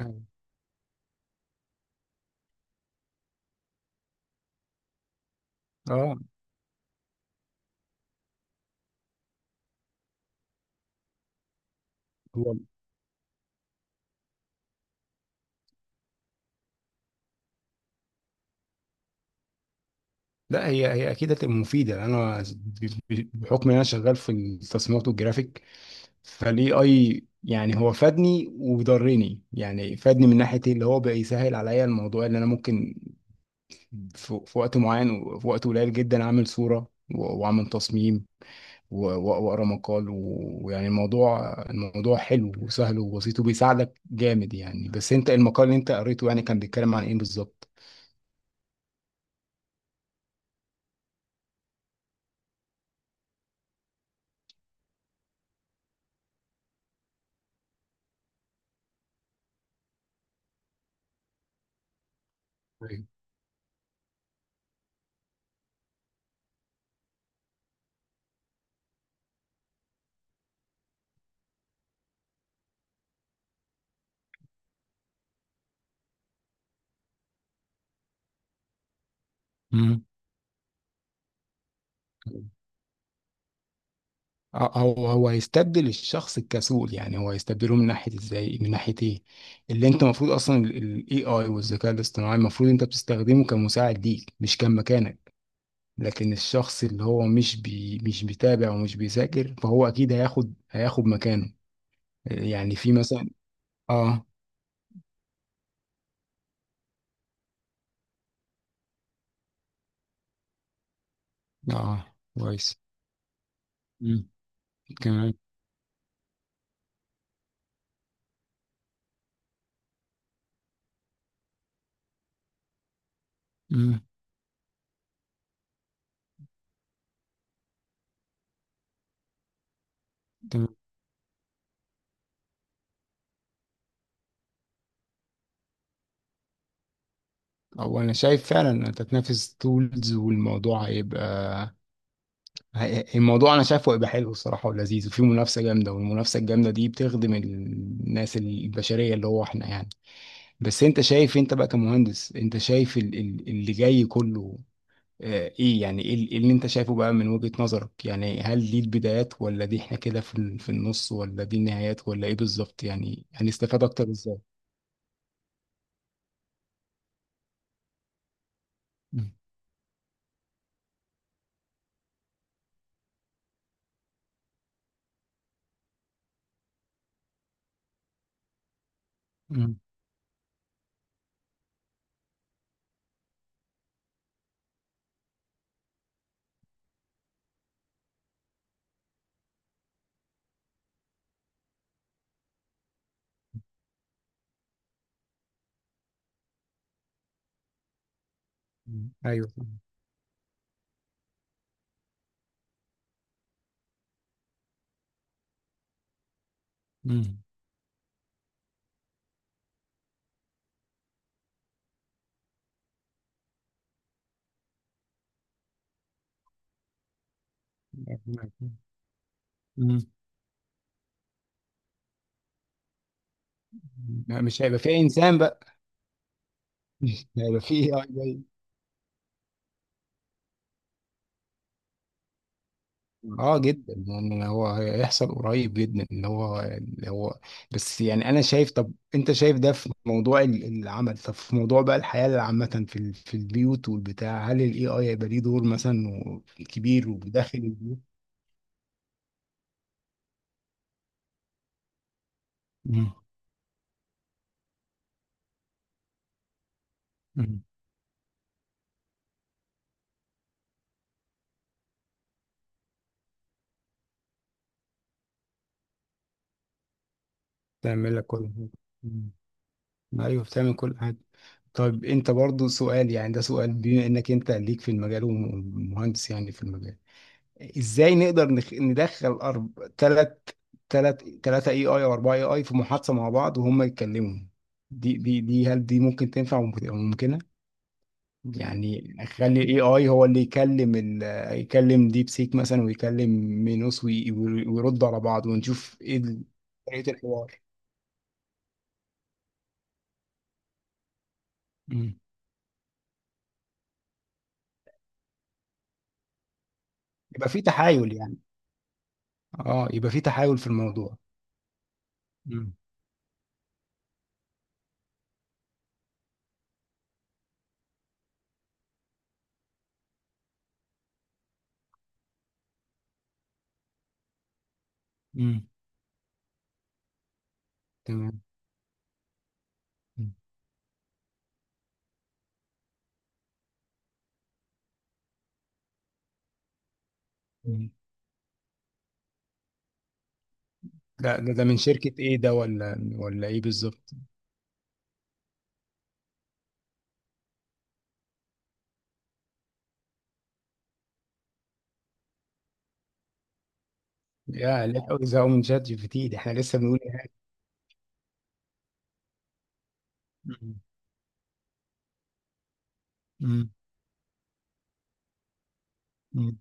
أيوة. اه، هو لا، هي اكيد هتبقى مفيده. انا بحكم ان انا شغال في التصميمات والجرافيك، فالاي اي يعني هو فادني وضرني، يعني فادني من ناحيه إيه؟ اللي هو بقى يسهل عليا الموضوع اللي انا ممكن في وقت معين وفي وقت قليل جدا اعمل صوره واعمل تصميم واقرا مقال ويعني الموضوع حلو وسهل وبسيط وبيساعدك جامد يعني. بس انت المقال اللي انت قريته، يعني كان بيتكلم عن ايه بالظبط؟ أيوة. مم. او هو هيستبدل الشخص الكسول، يعني هو هيستبدله من ناحيه ازاي، من ناحيه ايه. اللي انت المفروض اصلا، الاي اي والذكاء الاصطناعي المفروض انت بتستخدمه كمساعد ليك، مش كان مكانك. لكن الشخص اللي هو مش بيتابع ومش بيذاكر، فهو اكيد هياخد مكانه. يعني في مثلا. اه، اه، كويس. مم، كمان. مم، تمام. هو انا شايف فعلا انت تنافس تولز، والموضوع هيبقى، الموضوع انا شايفه هيبقى حلو الصراحه ولذيذ، وفي منافسه جامده، والمنافسه الجامده دي بتخدم الناس البشريه اللي هو احنا يعني. بس انت شايف انت بقى كمهندس، انت شايف اللي جاي كله ايه؟ يعني ايه إيه اللي انت شايفه بقى من وجهه نظرك؟ يعني هل دي البدايات، ولا دي احنا كده في النص، ولا دي النهايات، ولا ايه بالظبط؟ يعني هنستفاد اكتر ازاي؟ مم. مم. مم. ايوه. مم. مم. مم. مش هيبقى فيه انسان بقى. مش هيبقى فيه AI جاي. اه، جدا، يعني هو هيحصل قريب جدا، اللي هو. بس يعني انا شايف، طب انت شايف ده في موضوع العمل، طب في موضوع بقى الحياة عامة في البيوت والبتاع، هل الاي اي هيبقى ليه دور مثلا كبير وداخل البيوت؟ مم. مم. تعمل لك كل حاجة. مم. ايوه، بتعمل كل حاجة. طيب انت برضو سؤال، يعني ده سؤال بما انك انت ليك في المجال ومهندس يعني في المجال. ازاي نقدر ندخل تلاتة اي اي او اربعة اي اي في محادثة مع بعض وهم يتكلموا؟ دي، هل دي ممكن تنفع وممكنة؟ يعني اخلي الاي اي هو اللي يكلم يكلم ديب سيك مثلا، ويكلم مينوس، ويرد على بعض ونشوف ايه طريقة الحوار. مم. يبقى في تحايل يعني. اه، يبقى في تحايل في الموضوع. مم. مم. تمام. مم. مم. ده من شركة ايه ده؟ ولا ايه بالظبط؟ يا لا، زهقوا من شات جي بي تي؟ ده احنا لسه بنقول إيه؟ مم. مم. مم.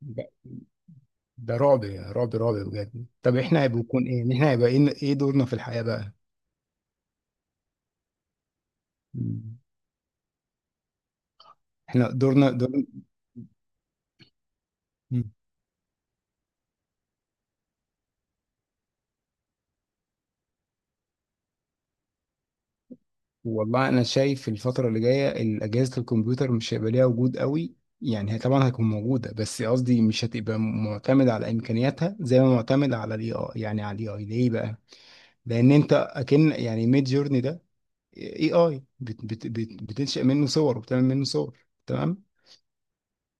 ده ده رعب، رعب، رعب بجد. طب احنا هيبقى يكون ايه؟ احنا هيبقى ايه؟ إيه دورنا في الحياة بقى؟ مم. احنا دورنا دور. مم. والله انا شايف الفترة اللي جاية أجهزة الكمبيوتر مش هيبقى ليها وجود قوي. يعني هي طبعا هتكون موجودة، بس قصدي مش هتبقى معتمد على إمكانياتها زي ما معتمد على الاي اي. يعني على الاي اي ليه بقى؟ لأن أنت أكن يعني ميد جورني ده اي اي، بت بتنشئ منه صور وبتعمل منه صور. تمام.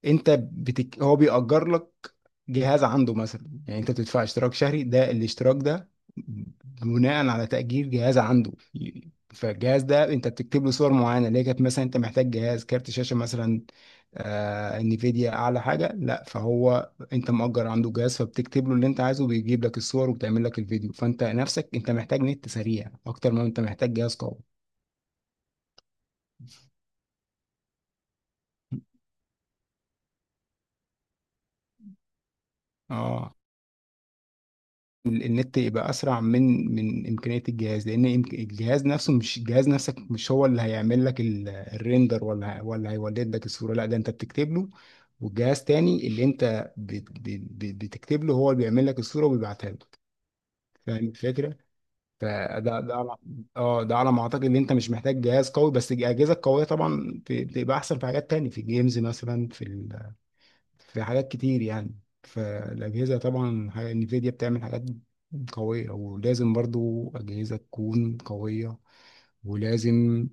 انت هو بيأجر لك جهاز عنده مثلا. يعني انت بتدفع اشتراك شهري، ده الاشتراك ده بناء على تأجير جهاز عنده. فالجهاز ده انت بتكتب له صور معينه، اللي هي كانت مثلا انت محتاج جهاز كارت شاشه مثلا، انفيديا اعلى حاجه، لا، فهو انت مأجر عنده جهاز، فبتكتب له اللي انت عايزه، بيجيب لك الصور وبتعمل لك الفيديو، فانت نفسك انت محتاج نت سريع اكتر ما انت محتاج جهاز قوي. اه، النت يبقى اسرع من امكانيه الجهاز، لان الجهاز نفسه، مش الجهاز نفسك، مش هو اللي هيعمل لك الريندر، ولا هيولد لك الصوره، لا، ده انت بتكتب له، والجهاز تاني اللي انت بتكتب له هو اللي بيعمل لك الصوره وبيبعتها لك. فاهم الفكره؟ فده ده على اه، ده على ما اعتقد ان انت مش محتاج جهاز قوي، بس الاجهزه القويه طبعا بتبقى احسن في حاجات تانية، في الجيمز مثلا، في حاجات كتير يعني. فالأجهزة طبعا انفيديا بتعمل حاجات قوية، ولازم برضو أجهزة تكون قوية، ولازم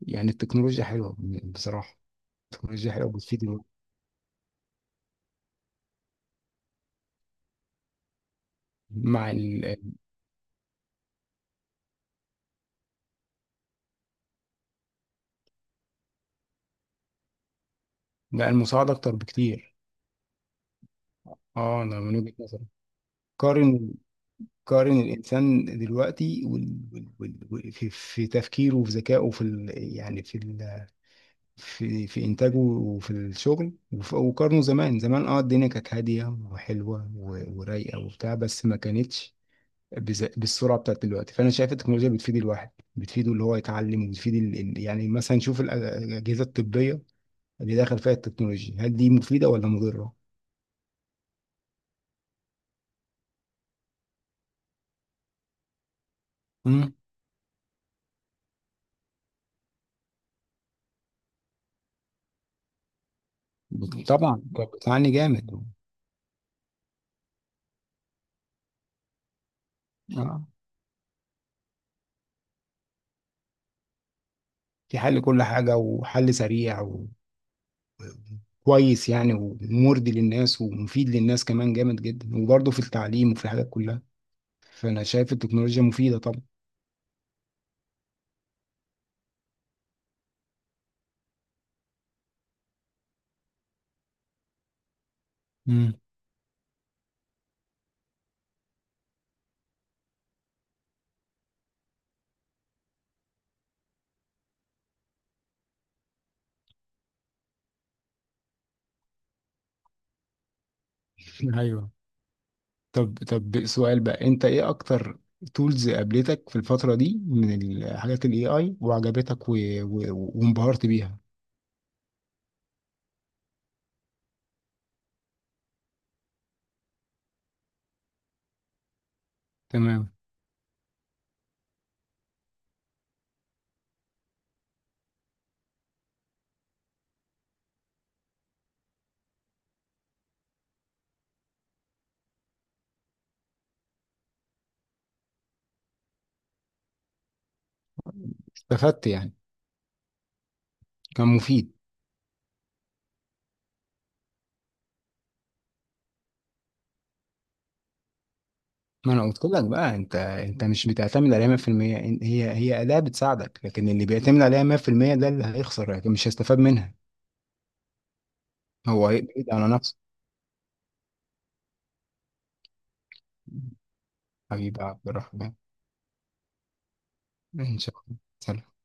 يعني. التكنولوجيا حلوة بصراحة. التكنولوجيا حلوة، بتفيد. مع ال- لا، المساعدة أكتر بكتير. اه، أنا من وجهة نظري، قارن، قارن الإنسان دلوقتي في تفكيره وفي ذكائه، يعني في ال... في في انتاجه وفي الشغل وقارنه زمان. زمان اه، الدنيا كانت هاديه وحلوه ورايقه وبتاع، بس ما كانتش بالسرعه بتاعت دلوقتي. فانا شايف التكنولوجيا بتفيد الواحد، بتفيده اللي هو يتعلم، وبتفيد يعني مثلا نشوف الاجهزه الطبيه، اللي داخل فيها التكنولوجيا، هل دي مفيده ولا مضره؟ امم طبعا كانت بتعاني جامد. اه، في حل كل حاجه وحل سريع كويس يعني، ومرضي للناس ومفيد للناس كمان جامد جدا، وبرضه في التعليم وفي الحاجات كلها، فانا شايف التكنولوجيا مفيده طبعا. امم ايوه. طب سؤال بقى، انت ايه اكتر تولز قابلتك في الفتره دي من الحاجات الاي اي وعجبتك وانبهرت بيها؟ تمام. استفدت يعني، كان مفيد. ما انا قلت لك بقى، انت مش بتعتمد عليها 100%. هي اداه بتساعدك، لكن اللي بيعتمد عليها 100% ده اللي هيخسر، لكن مش هيستفاد منها، هو هيبعد على نفسه. حبيبي يا عبد الرحمن، ان شاء الله، سلام.